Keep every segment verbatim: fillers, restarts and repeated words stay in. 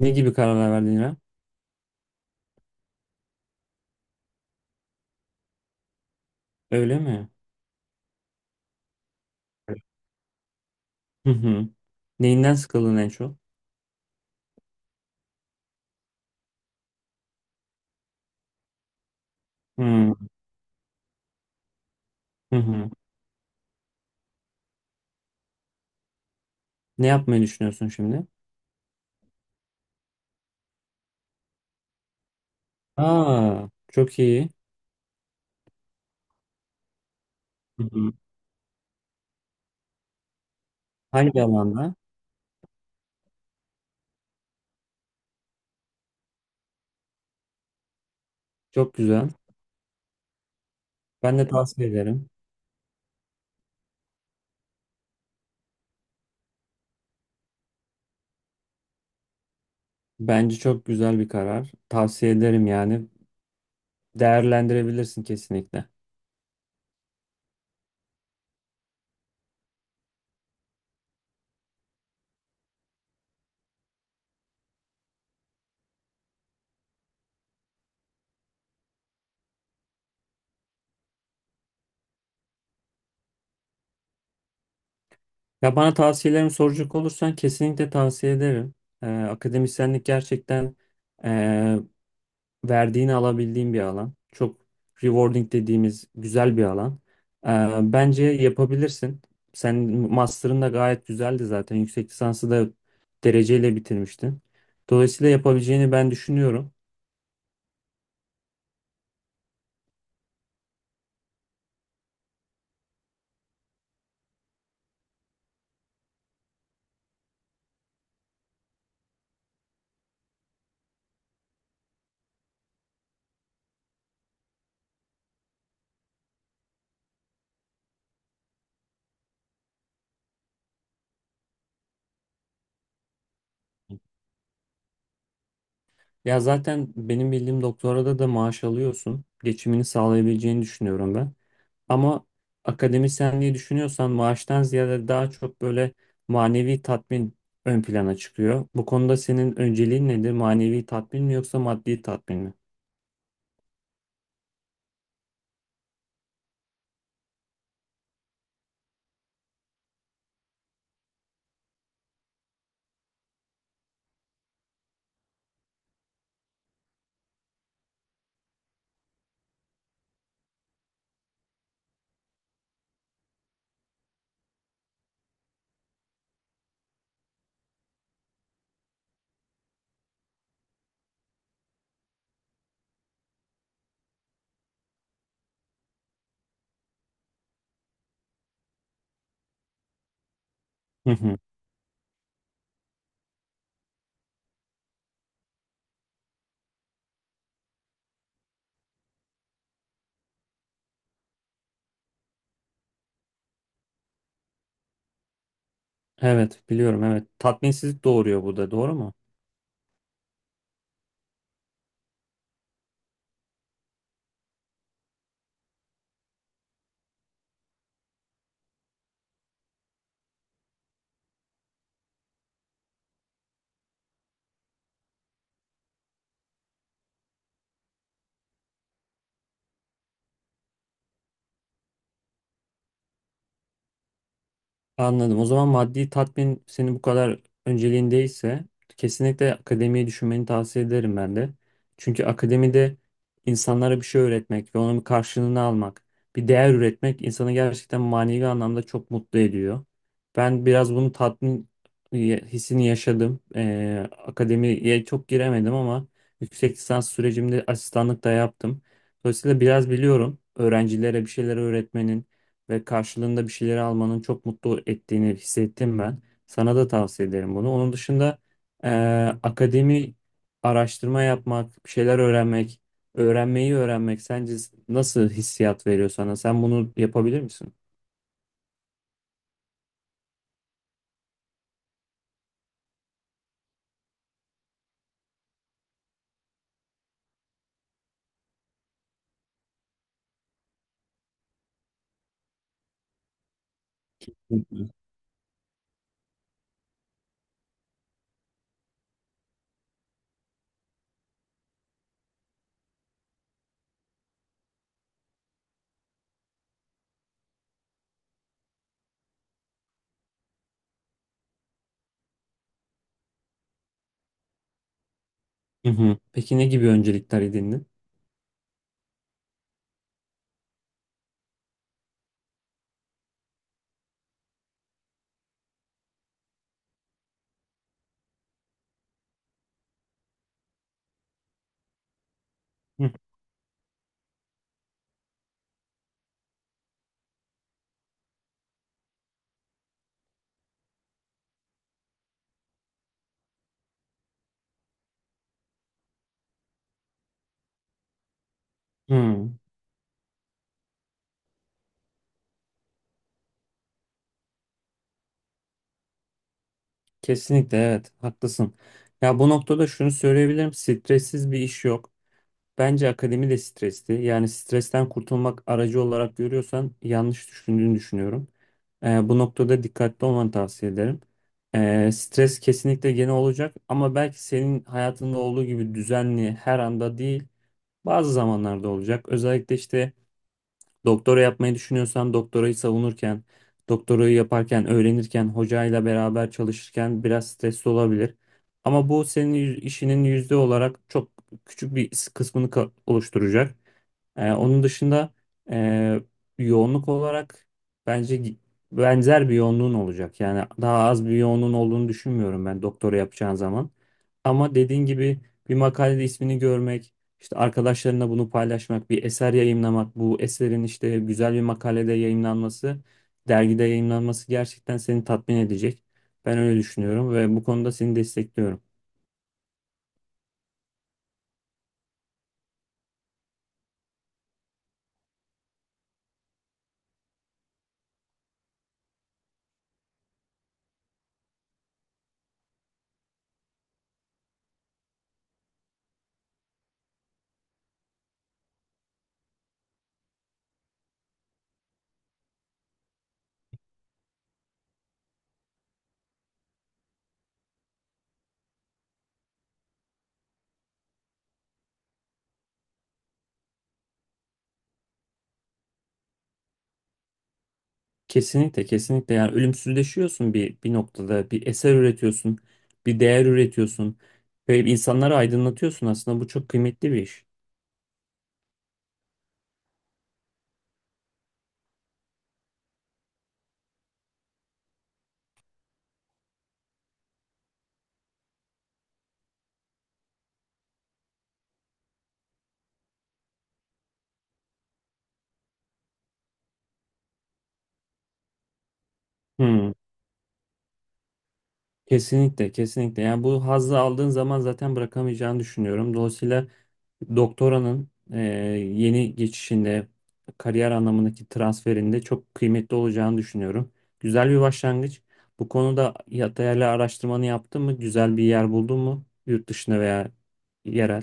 Ne gibi kararlar verdin İrem? Öyle mi? Hı hı. Neyinden sıkıldın en çok? Hı hı. Hı. Ne yapmayı düşünüyorsun şimdi? Aa, çok iyi. Hı hı. Hangi alanda? Çok güzel. Ben de tavsiye ederim. Bence çok güzel bir karar. Tavsiye ederim yani. Değerlendirebilirsin kesinlikle. Ya bana tavsiyelerimi soracak olursan kesinlikle tavsiye ederim. Ee, akademisyenlik gerçekten ee, verdiğini alabildiğim bir alan. Çok rewarding dediğimiz güzel bir alan. Ee, Bence yapabilirsin. Sen master'ın da gayet güzeldi zaten. Yüksek lisansı da dereceyle bitirmiştin. Dolayısıyla yapabileceğini ben düşünüyorum. Ya zaten benim bildiğim doktorada da maaş alıyorsun. Geçimini sağlayabileceğini düşünüyorum ben. Ama akademisyenliği düşünüyorsan maaştan ziyade daha çok böyle manevi tatmin ön plana çıkıyor. Bu konuda senin önceliğin nedir? Manevi tatmin mi yoksa maddi tatmin mi? Hı hı. Evet biliyorum, evet. Tatminsizlik doğuruyor, bu da doğru mu? Anladım. O zaman maddi tatmin senin bu kadar önceliğindeyse kesinlikle akademiyi düşünmeni tavsiye ederim ben de. Çünkü akademide insanlara bir şey öğretmek ve onun bir karşılığını almak, bir değer üretmek insanı gerçekten manevi anlamda çok mutlu ediyor. Ben biraz bunu tatmin e, hissini yaşadım. Ee, akademiye çok giremedim ama yüksek lisans sürecimde asistanlık da yaptım. Dolayısıyla biraz biliyorum, öğrencilere bir şeyler öğretmenin ve karşılığında bir şeyleri almanın çok mutlu ettiğini hissettim ben. Sana da tavsiye ederim bunu. Onun dışında eee, akademi, araştırma yapmak, bir şeyler öğrenmek, öğrenmeyi öğrenmek sence nasıl hissiyat veriyor sana? Sen bunu yapabilir misin? Hı hı. Hı hı. Peki ne gibi öncelikler edindin? Hı. Hı. Kesinlikle, evet, haklısın. Ya bu noktada şunu söyleyebilirim. Stressiz bir iş yok. Bence akademi de stresli. Yani stresten kurtulmak aracı olarak görüyorsan yanlış düşündüğünü düşünüyorum. Ee, bu noktada dikkatli olmanı tavsiye ederim. Ee, stres kesinlikle gene olacak ama belki senin hayatında olduğu gibi düzenli her anda değil, bazı zamanlarda olacak. Özellikle işte doktora yapmayı düşünüyorsan doktorayı savunurken, doktorayı yaparken, öğrenirken, hocayla beraber çalışırken biraz stresli olabilir. Ama bu senin yü- işinin yüzde olarak çok küçük bir kısmını ka- oluşturacak. Ee, onun dışında e, yoğunluk olarak bence gi- benzer bir yoğunluğun olacak. Yani daha az bir yoğunluğun olduğunu düşünmüyorum ben doktora yapacağın zaman. Ama dediğin gibi bir makalede ismini görmek, işte arkadaşlarına bunu paylaşmak, bir eser yayımlamak, bu eserin işte güzel bir makalede yayımlanması, dergide yayımlanması gerçekten seni tatmin edecek. Ben öyle düşünüyorum ve bu konuda seni destekliyorum. Kesinlikle, kesinlikle, yani ölümsüzleşiyorsun, bir bir noktada bir eser üretiyorsun, bir değer üretiyorsun ve insanları aydınlatıyorsun, aslında bu çok kıymetli bir iş. Hmm, kesinlikle, kesinlikle, yani bu hazzı aldığın zaman zaten bırakamayacağını düşünüyorum. Dolayısıyla doktoranın e, yeni geçişinde, kariyer anlamındaki transferinde çok kıymetli olacağını düşünüyorum. Güzel bir başlangıç. Bu konuda ya- değerli araştırmanı yaptın mı? Güzel bir yer buldun mu? Yurt dışında veya yerel?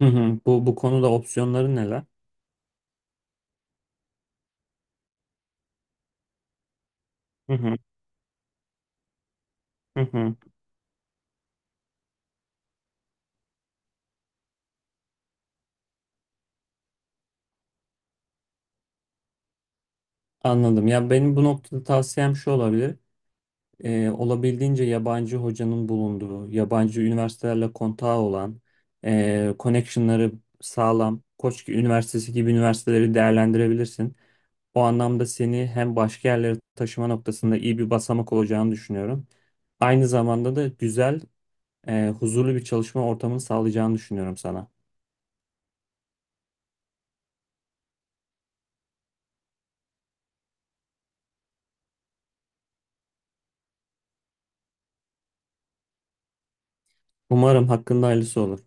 Hı hı. Bu bu konuda opsiyonları neler? Hı hı. Hı hı. Anladım. Ya benim bu noktada tavsiyem şu olabilir. Ee, olabildiğince yabancı hocanın bulunduğu, yabancı üniversitelerle kontağı olan, e, connectionları sağlam, Koç Üniversitesi gibi üniversiteleri değerlendirebilirsin. O anlamda seni hem başka yerlere taşıma noktasında iyi bir basamak olacağını düşünüyorum. Aynı zamanda da güzel, e, huzurlu bir çalışma ortamını sağlayacağını düşünüyorum sana. Umarım hakkında hayırlısı olur.